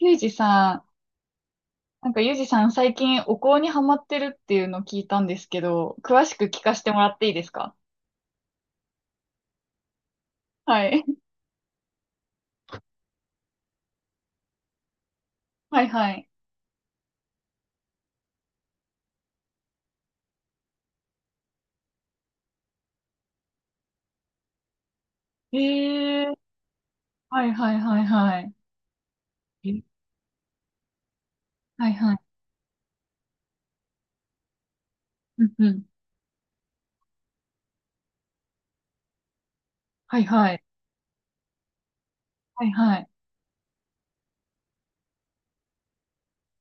ゆうじさん、最近お香にハマってるっていうのを聞いたんですけど、詳しく聞かせてもらっていいですか？はい。はいはい。えー、はいはいはいはい。えはいはい。うんうん。はいはい。はいはい。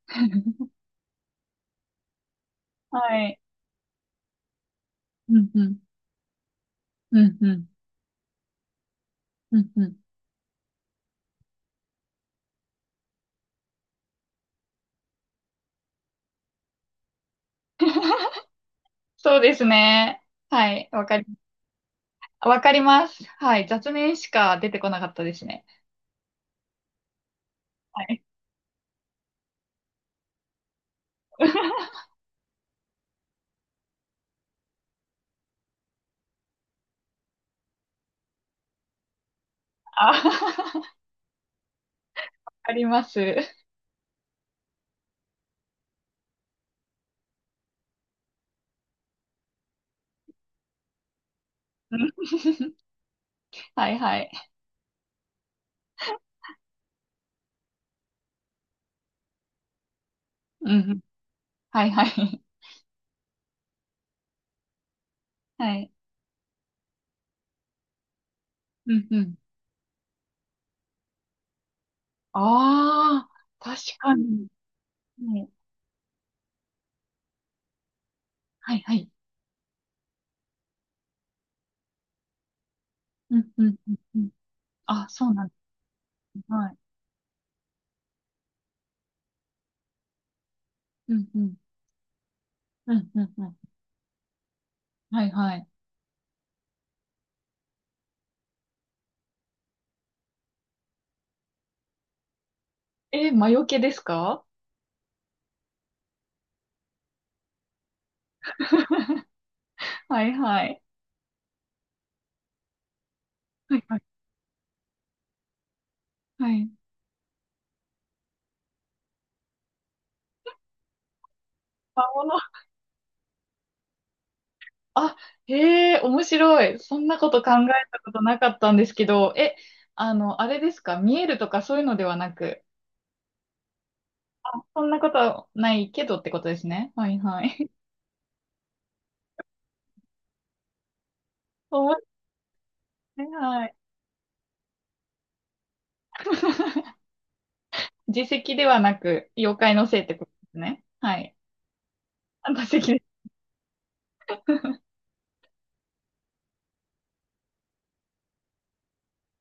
はい。うんうん。うんうん。うんうん。そうですね。はい。わかります。はい。雑念しか出てこなかったですね。はい。あ、あります。うん。 はいはい。うん。はいはい。はい。うんうん。ああ、確かに。ね、はいはい。うんうんうんうん。あ、そうなんです。はい。うんうん。うんうんうん。はいはい。え、魔除けですか？ はいはい。はいはい。はい。魔物。あ、へえ、面白い。そんなこと考えたことなかったんですけど、え、あの、あれですか？見えるとかそういうのではなく、あ、そんなことはないけどってことですね。はいはい。面白い。はい。自責ではなく、妖怪のせいってことですね。はい。あ、打席です。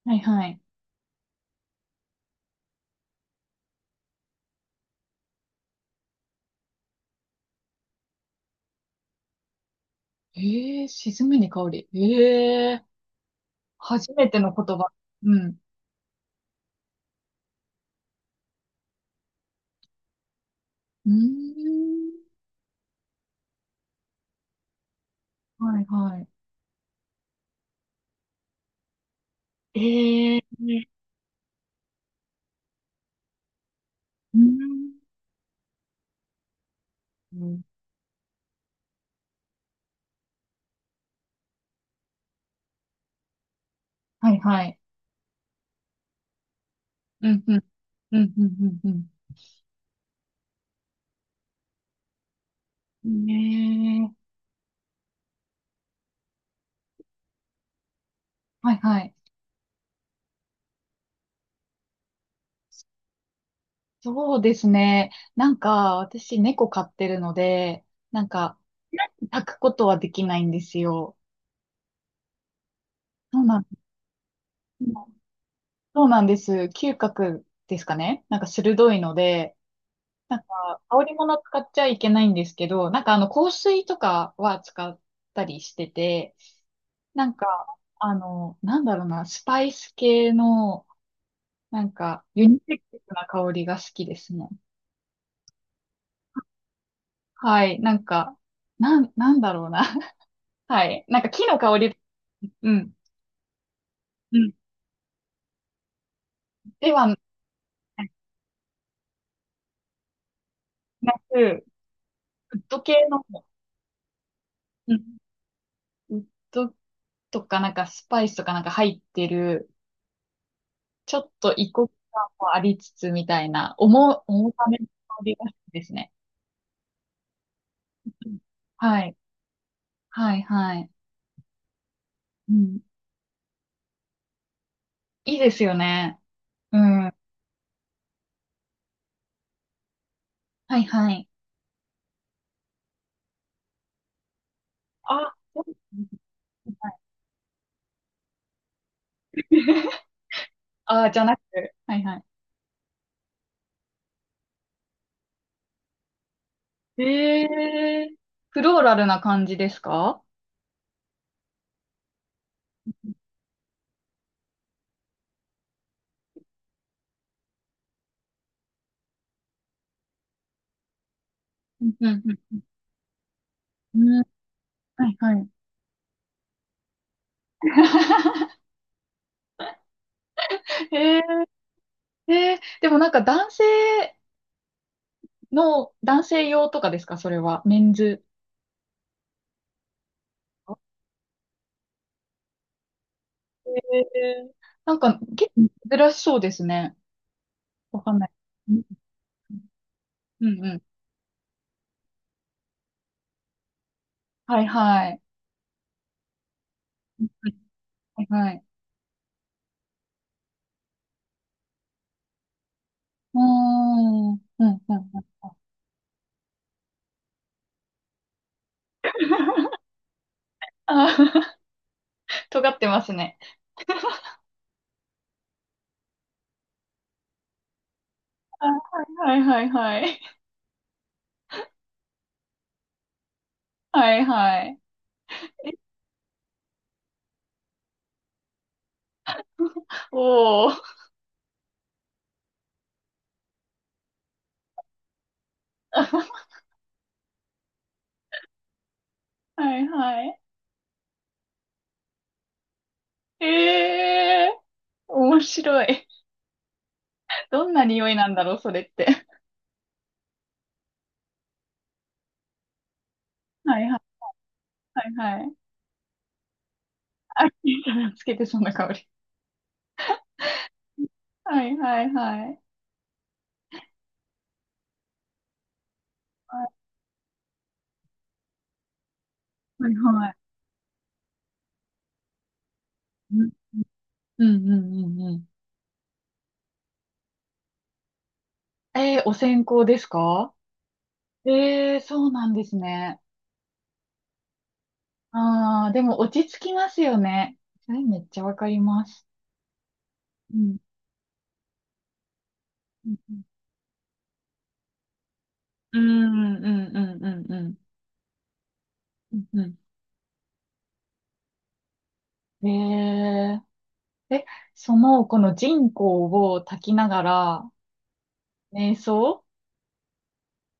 はいはい。ええー、沈めに香り。ええー、初めての言葉。うん。うーん。はいはい。ええー。うーん。うん。はいはい。うんうん。うんうんうんうん。ねえ。はいはい。そうですね。なんか、私猫飼ってるので、なんか、抱くことはできないんですよ。そうなんです。そうなんです。嗅覚ですかね。なんか鋭いので、なんか、香り物使っちゃいけないんですけど、なんか香水とかは使ったりしてて、なんか、なんだろうな、スパイス系の、なんか、ユニセックスな香りが好きですね。はい。なんか、なんだろうな。はい。なんか木の香り、うん、うん。ではなく、ウッド系の、うん、ウッドとかなんかスパイスとかなんか入ってる、ちょっと異国感もありつつみたいな、重ための香りが好きですね。うん。はい。はい、はい。うん。いいですよね。うん。はい、はい。あ、そうですね。はい。 あ、じゃなくて。はい、はい。えー、フローラルな感じですか？うん、うん、うん。うん。はい、はい。えー、でもなんか男性用とかですか、それは？メンズ。ええ、なんか結構珍しそうですね。わかんない。うん、うん、うん。はいはい。はいはい。うーん、うん、うん。うん。あー、尖ってますね。あ、はいはいはいはい。はいはい。おー。はいはい。ええー、面白い。どんな匂いなんだろう、それって？はいはいはいはい。あ、つけてそうな香り。はいはいはい。はいはいはい。うんうんうんうん。えー、お線香ですか？えー、そうなんですね。ああ、でも落ち着きますよね。それめっちゃわかります。うん、うん、うん、うん、うん、うん、うん。うんうんうん。ー、え、その、この人工を炊きながら、瞑想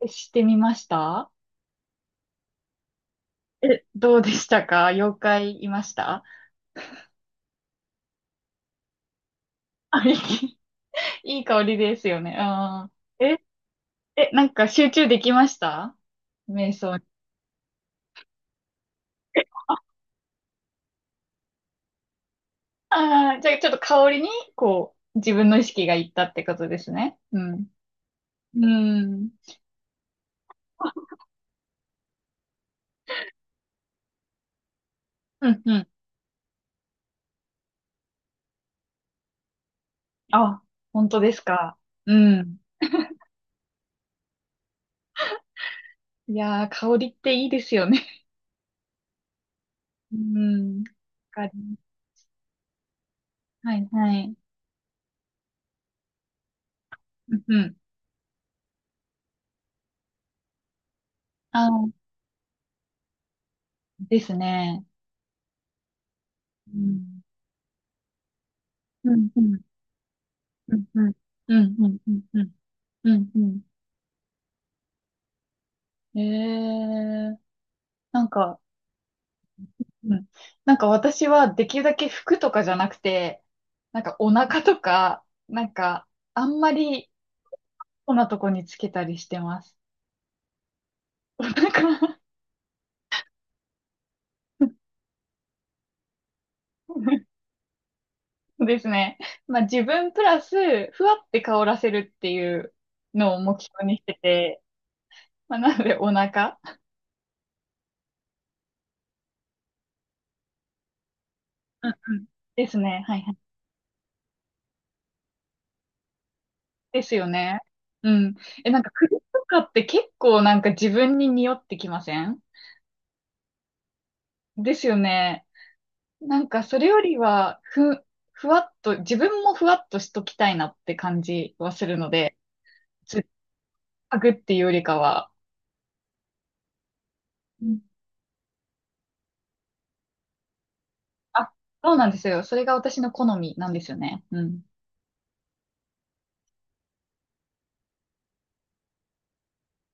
してみました？え、どうでしたか？妖怪いました？あ、いい香りですよね。うん。なんか集中できました？瞑想？あ、じゃあ、ちょっと香りに、こう、自分の意識がいったってことですね。うん。うん。あ。うんうん。あ、本当ですか。うん。いやー、香りっていいですよね。うん。わかります。はいはい。うんうん。あ、ですね。うん。うんうん。うんうん。うんうんうんうん。うんうん。なんか、うん。なんか私はできるだけ服とかじゃなくて、なんかお腹とか、なんかあんまりこんなとこにつけたりしてます。お腹。 ですね。まあ自分プラス、ふわって香らせるっていうのを目標にしてて、まあなのでお腹。うんうん。ですね。はいはい。ですよね。うん。え、なんか首とかって結構なんか自分に匂ってきません？ですよね。なんかそれよりは、ふわっと、自分もふわっとしときたいなって感じはするので、つっかぐっていうよりかは、うん。あ、そうなんですよ。それが私の好みなんですよね。うん。